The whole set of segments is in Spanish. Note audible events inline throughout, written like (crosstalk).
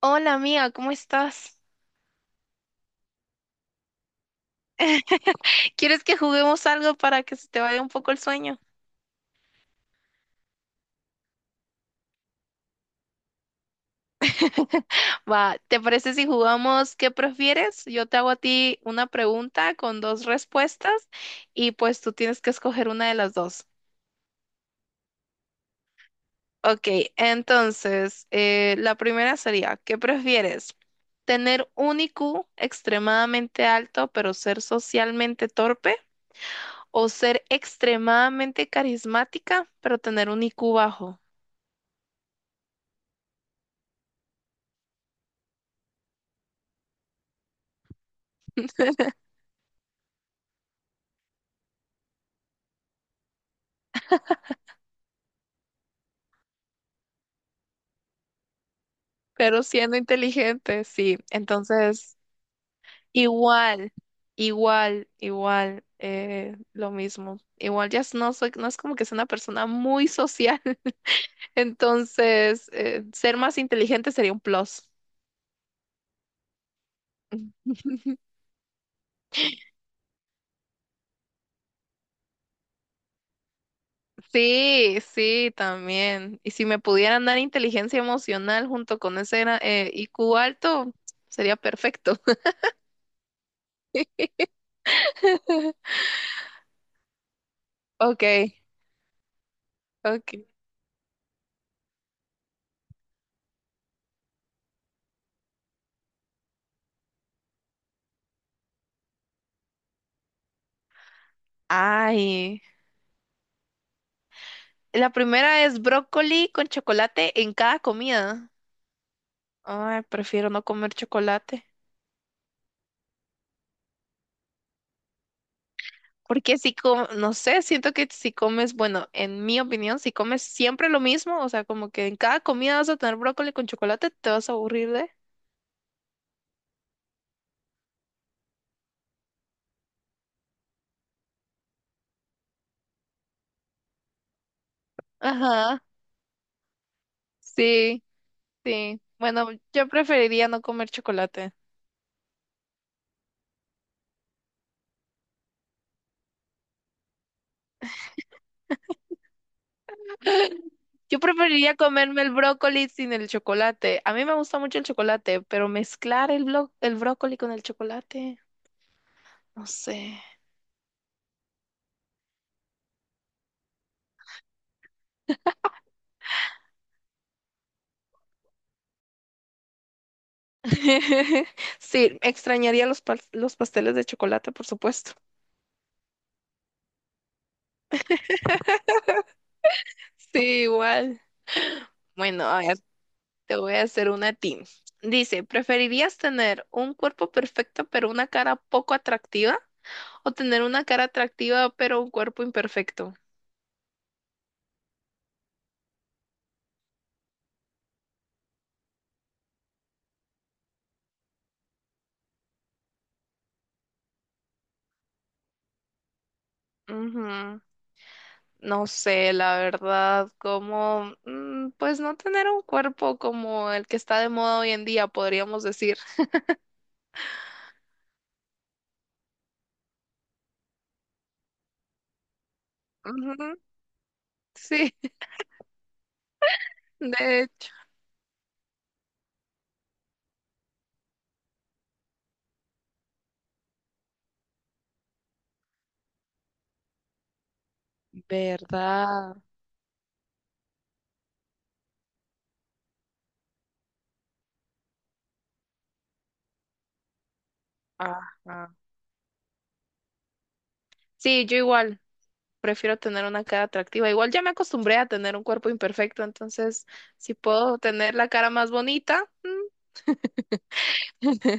Hola amiga, ¿cómo estás? ¿Quieres que juguemos algo para que se te vaya un poco el sueño? Va, ¿te parece si jugamos qué prefieres? Yo te hago a ti una pregunta con dos respuestas y pues tú tienes que escoger una de las dos. Ok, entonces la primera sería, ¿qué prefieres? ¿Tener un I Q extremadamente alto pero ser socialmente torpe o ser extremadamente carismática pero tener un I Q bajo? Pero siendo inteligente, sí. Entonces, igual, lo mismo. Igual ya no soy, no es como que sea una persona muy social, (laughs) entonces ser más inteligente sería un plus. (laughs) Sí, sí, también. Y si me pudieran dar inteligencia emocional junto con ese IQ alto, sería perfecto. (laughs) Ok, ok. Ay. La primera es brócoli con chocolate en cada comida. Ay, prefiero no comer chocolate. Porque si no sé, siento que si comes, bueno, en mi opinión, si comes siempre lo mismo, o sea, como que en cada comida vas a tener brócoli con chocolate, te vas a aburrir de. Ajá, sí, sí. Bueno, yo preferiría no comer chocolate. (laughs) Yo preferiría comerme el brócoli sin el chocolate. A mí me gusta mucho el chocolate, pero mezclar el el brócoli con el chocolate, no sé. (laughs) Sí, extrañaría los, los pasteles de chocolate, por supuesto. Sí, igual. Bueno, a ver, te voy a hacer una a ti. Dice, ¿preferirías tener un cuerpo perfecto pero una cara poco atractiva? ¿O tener una cara atractiva pero un cuerpo imperfecto? Ujú. No sé, la verdad, como, mm, pues no tener un cuerpo como el que está de moda hoy en día, podríamos decir. Ujú. Sí, (laughs) de hecho. ¿Verdad? Ajá. Sí, yo igual prefiero tener una cara atractiva. Igual ya me acostumbré a tener un cuerpo imperfecto, entonces si puedo tener la cara más bonita,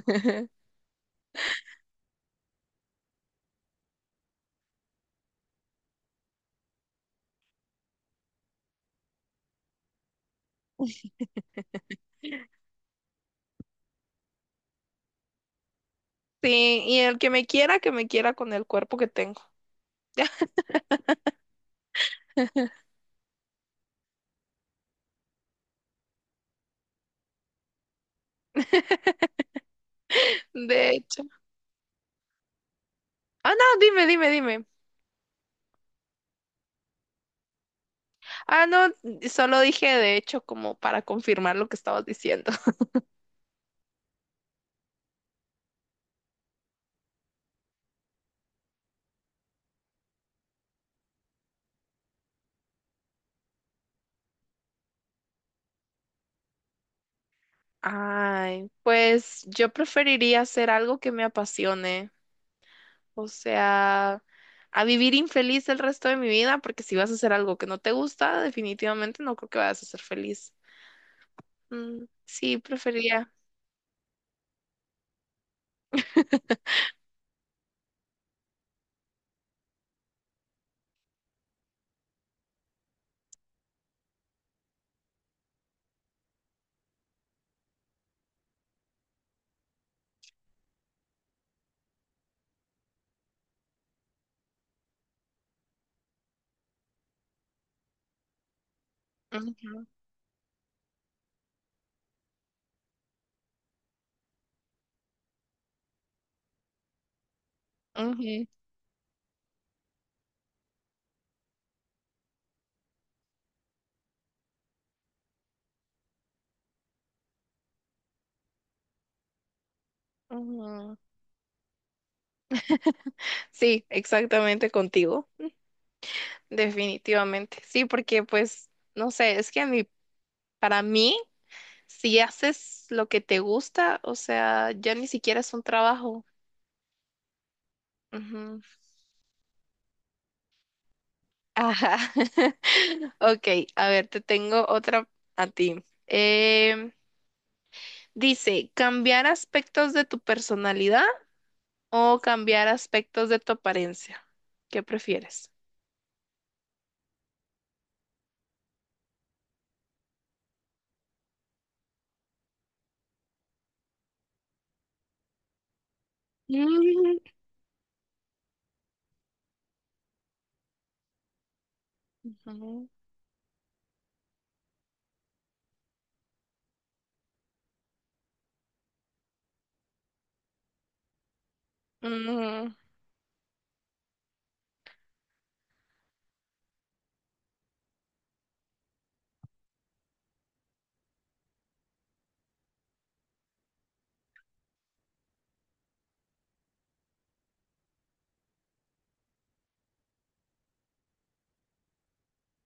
(laughs) sí, y el que me quiera con el cuerpo que tengo. (laughs) De hecho. Ah, no, dime, dime, dime. Ah, no, solo dije de hecho como para confirmar lo que estabas diciendo. (laughs) Ay, pues yo preferiría hacer algo que me apasione. O sea, a vivir infeliz el resto de mi vida, porque si vas a hacer algo que no te gusta, definitivamente no creo que vayas a ser feliz. Mm, sí, preferiría. Ujú, ujú, ujú. Sí, exactamente contigo. Definitivamente. Sí, porque pues, no sé, es que a mí, para mí, si haces lo que te gusta, o sea, ya ni siquiera es un trabajo. Ujú. Ajá. (laughs) Ok, a ver, te tengo otra a ti. Dice, cambiar aspectos de tu personalidad o cambiar aspectos de tu apariencia. ¿Qué prefieres? Mm, ujú, ujú,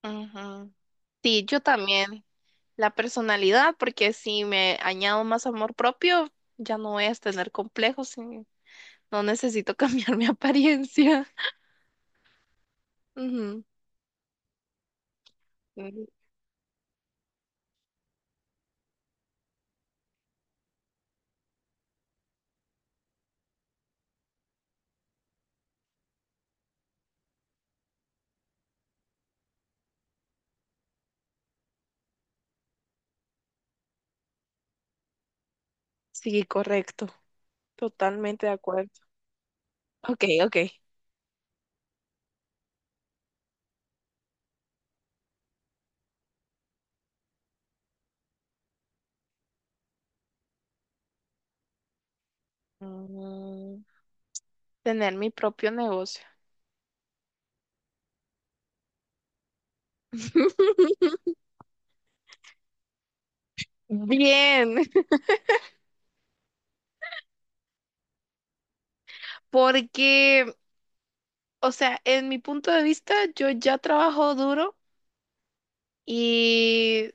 ujú. Sí, yo también. La personalidad, porque si me añado más amor propio, ya no voy a tener complejos y no necesito (laughs) cambiar mi apariencia. Ujú. Mm, sí, correcto. Totalmente de acuerdo. Ok, ok. Mm, tener mi propio negocio. (laughs) Bien. (laughs) Porque, o sea, en mi punto de vista, yo ya trabajo duro y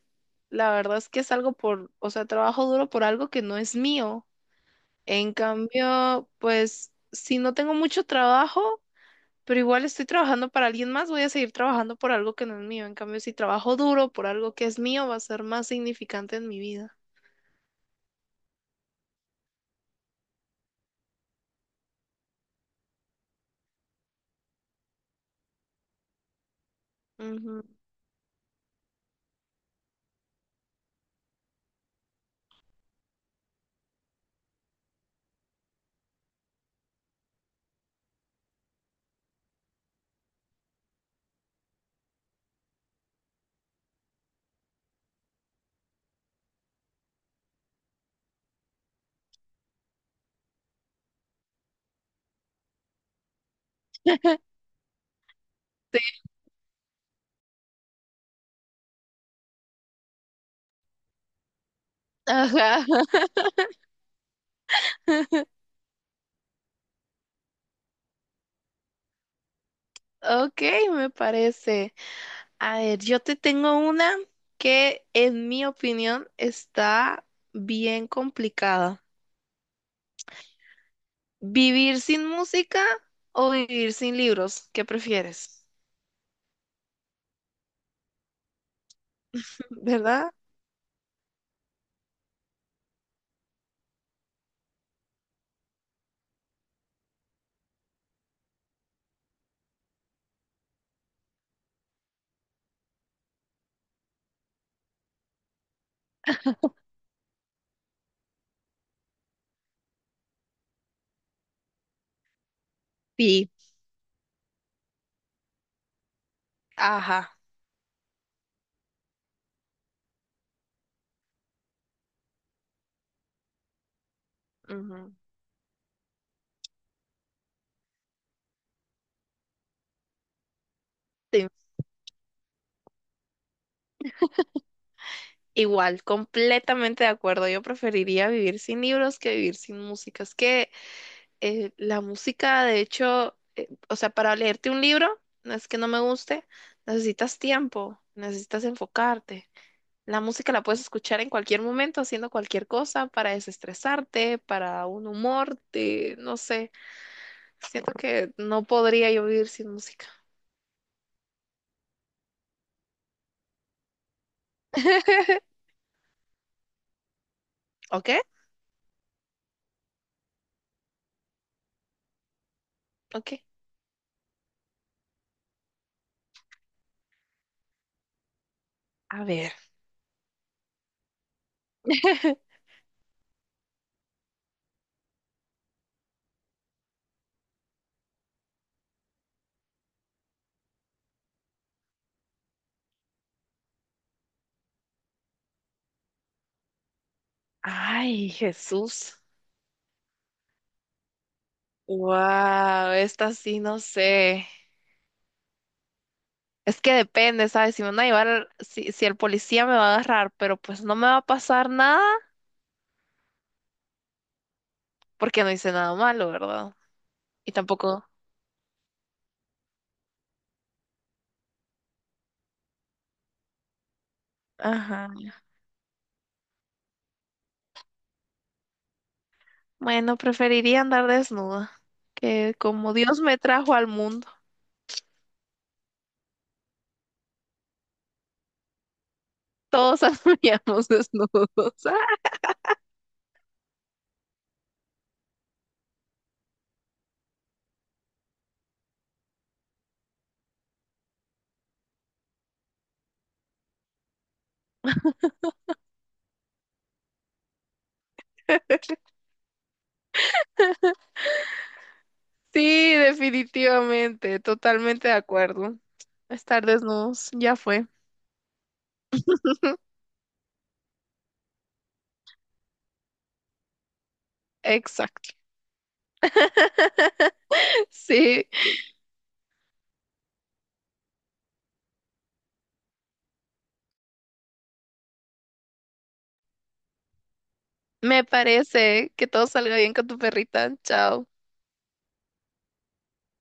la verdad es que es algo por, o sea, trabajo duro por algo que no es mío. En cambio, pues, si no tengo mucho trabajo, pero igual estoy trabajando para alguien más, voy a seguir trabajando por algo que no es mío. En cambio, si trabajo duro por algo que es mío, va a ser más significante en mi vida. Ujú. Sí, ajá. (laughs) Ok, me parece. A ver, yo te tengo una que en mi opinión está bien complicada. ¿Vivir sin música o vivir sin libros? ¿Qué prefieres? (laughs) ¿Verdad? Sí, ajá. Ujú, sí, igual, completamente de acuerdo. Yo preferiría vivir sin libros que vivir sin música. Es que la música, de hecho, o sea, para leerte un libro, no es que no me guste, necesitas tiempo, necesitas enfocarte. La música la puedes escuchar en cualquier momento, haciendo cualquier cosa, para desestresarte, para un humor, de, no sé. Siento que no podría yo vivir sin música. (laughs) ¿Ok? Ok. A ver. (laughs) Ay, Jesús. Wow, esta sí no sé. Es que depende, ¿sabes? Si me van a llevar, si, si el policía me va a agarrar, pero pues no me va a pasar nada porque no hice nada malo, ¿verdad? Y tampoco. Ajá. Bueno, preferiría andar desnuda, que como Dios me trajo al mundo, todos (laughs) andaríamos desnudos. (laughs) Sí, definitivamente, totalmente de acuerdo. Estar desnudos, ya fue. (laughs) Exacto. Sí, me parece que todo salga bien con tu perrita. Chao.